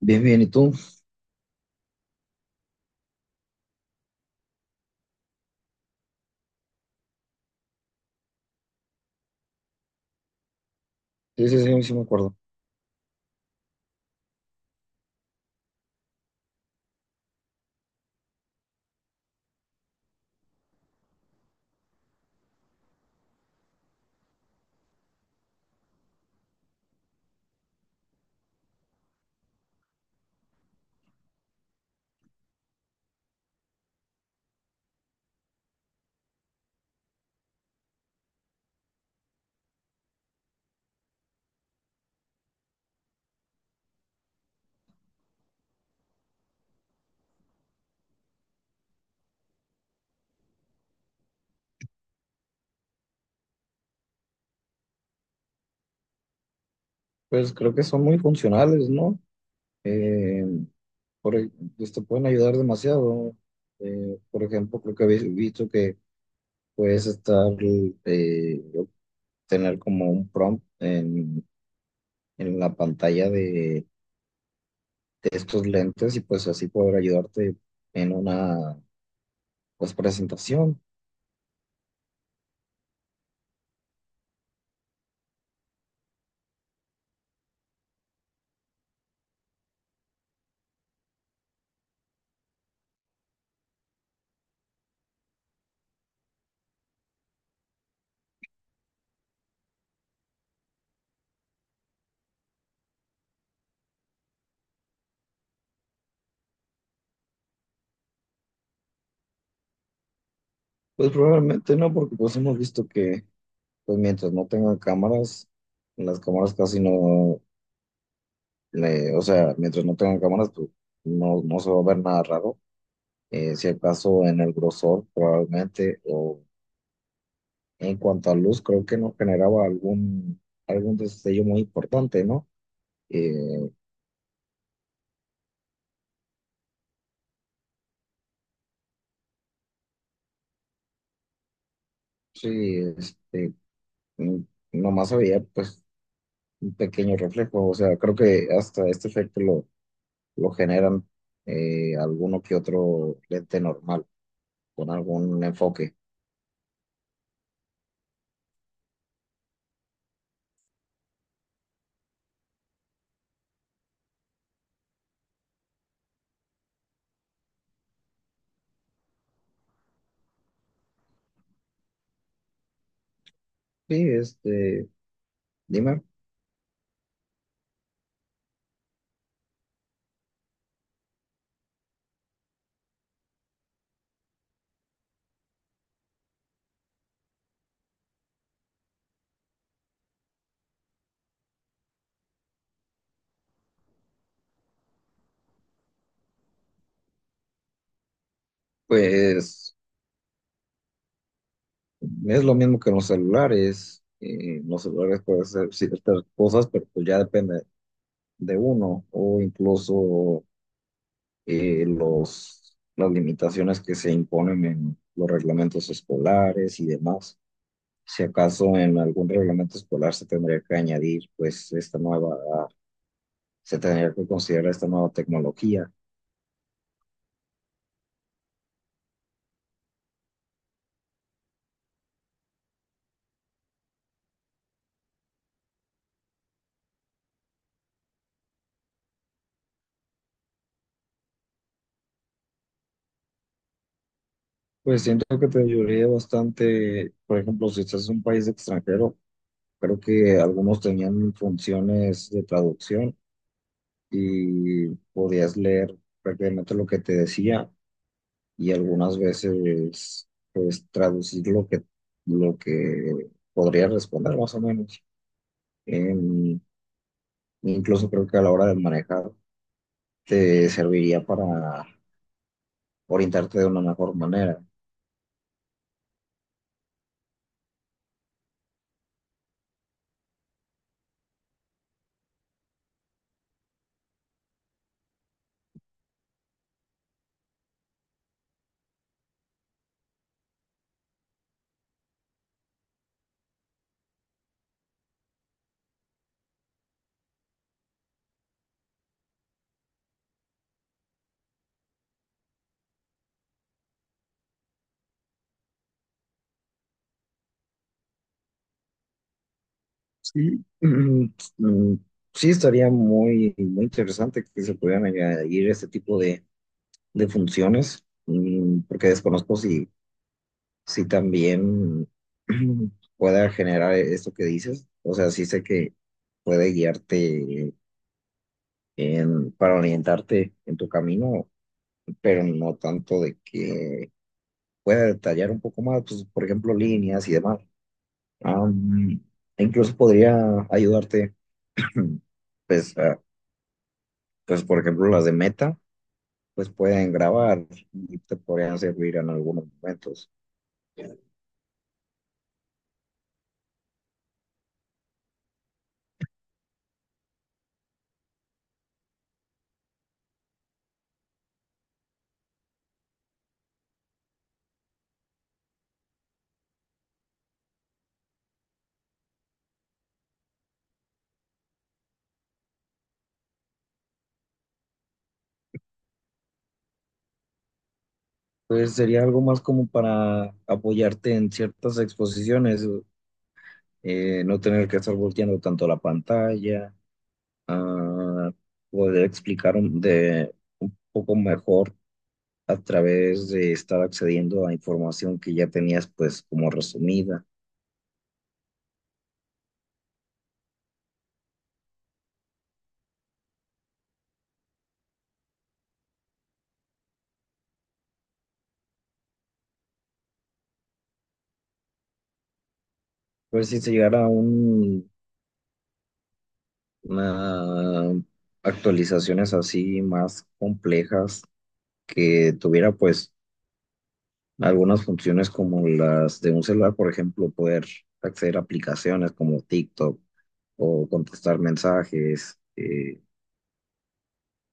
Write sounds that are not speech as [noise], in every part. Bien, bien, ¿y tú? Sí, sí, sí, sí me acuerdo. Pues creo que son muy funcionales, ¿no? Eh, por, e- pues, te pueden ayudar demasiado. Por ejemplo, creo que habéis visto que puedes estar, eh, obtener como un prompt en la pantalla de estos lentes y pues así poder ayudarte en una, pues, presentación. Pues probablemente no, porque pues hemos visto que, pues mientras no tengan cámaras, las cámaras casi no le- o sea, mientras no tengan cámaras, pues no, no se va a ver nada raro. Si acaso en el grosor, probablemente, o en cuanto a luz, creo que no generaba algún destello muy importante, ¿no? Eh, sí, este, mm, nomás había pues un pequeño reflejo, o sea, creo que hasta este efecto lo generan alguno que otro lente normal, con algún enfoque. Sí, este, dime. Pues es lo mismo que en los celulares. En los celulares puedes hacer ciertas cosas, pero pues ya depende de uno o incluso las limitaciones que se imponen en los reglamentos escolares y demás. Si acaso en algún reglamento escolar se tendría que añadir pues esta nueva, se tendría que considerar esta nueva tecnología. Pues siento que te ayudaría bastante, por ejemplo, si estás en un país extranjero, creo que algunos tenían funciones de traducción y podías leer prácticamente lo que te decía y algunas veces pues traducir lo que podría responder más o menos. Em, Incluso creo que a la hora de manejar te serviría para orientarte de una mejor manera. Sí, [clears throat] mm, sí estaría muy interesante que se pudieran añadir este tipo de funciones, porque desconozco si sí, también [clears throat] pueda generar esto que dices. O sea, sí sé que puede guiarte para orientarte en tu camino, pero no tanto de que pueda detallar un poco más, pues, por ejemplo, líneas y demás. Am, E incluso podría ayudarte, [clears throat] pues, a- pues, por ejemplo, las de meta, pues pueden grabar y te podrían servir en algunos momentos. Pues sería algo más como para apoyarte en ciertas exposiciones, no tener que estar volteando tanto la pantalla, ah, poder explicar un poco mejor a través de estar accediendo a información que ya tenías pues como resumida. Pues si se una actualizaciones así más complejas que tuviera pues algunas funciones como las de un celular, por ejemplo, poder acceder a aplicaciones como TikTok o contestar mensajes.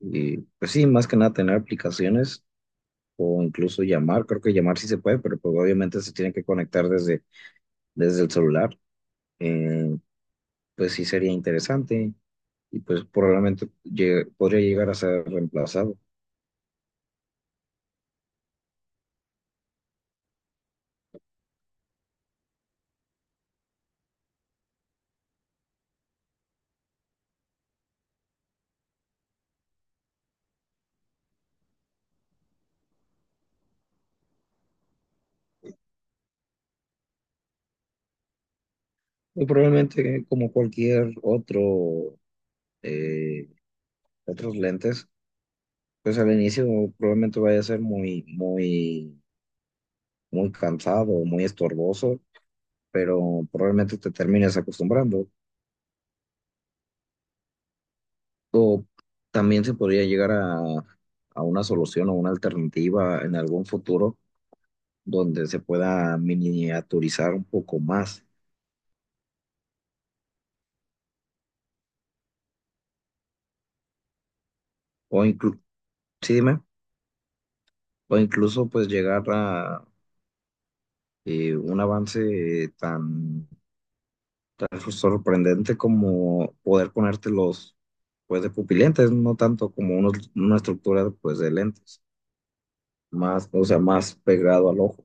Y pues sí, más que nada tener aplicaciones o incluso llamar. Creo que llamar sí se puede, pero pues obviamente se tiene que conectar desde el celular. Eh, pues sí sería interesante y pues podría llegar a ser reemplazado. Y probablemente como cualquier otro, eh, otros lentes. Pues al inicio probablemente vaya a ser muy cansado, muy estorboso, pero probablemente te termines acostumbrando. O también se podría a una solución o una alternativa en algún futuro donde se pueda miniaturizar un poco más. O inclu Sí, dime. O incluso pues llegar a un avance tan sorprendente como poder ponértelos pues de pupilentes, no tanto como una estructura pues de lentes, más, o sea, más pegado al ojo.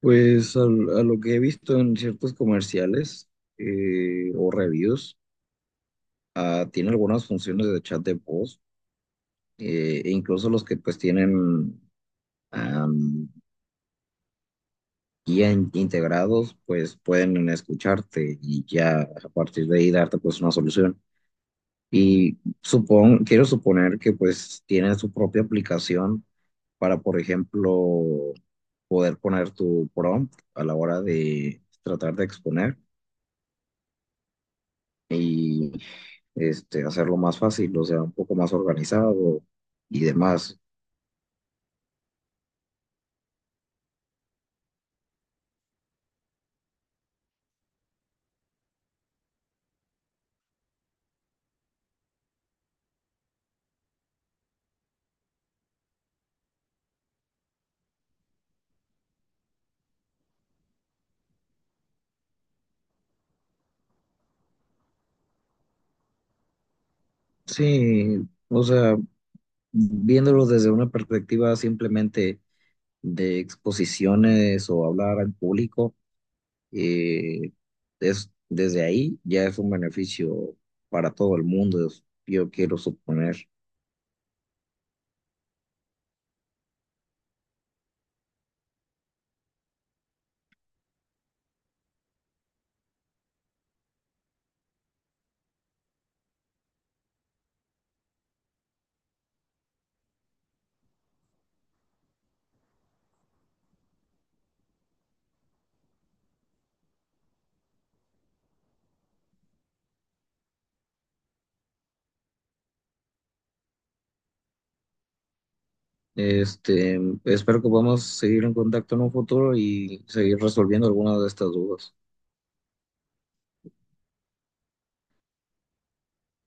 Pues a lo que he visto en ciertos comerciales o reviews, tiene algunas funciones de chat de voz, e incluso los que pues tienen am, guía integrados, pues pueden escucharte y ya a partir de ahí darte pues una solución. Y supon, quiero suponer que pues tienen su propia aplicación para, por ejemplo, poder poner tu prompt a la hora de tratar de exponer y este, hacerlo más fácil, o sea, un poco más organizado y demás. Sí, o sea, viéndolo desde una perspectiva simplemente de exposiciones o hablar al público. Eh, Desde ahí ya es un beneficio para todo el mundo, es- yo quiero suponer. Este, espero que podamos seguir en contacto en un futuro y seguir resolviendo algunas de estas dudas.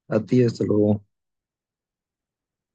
A ti, hasta luego.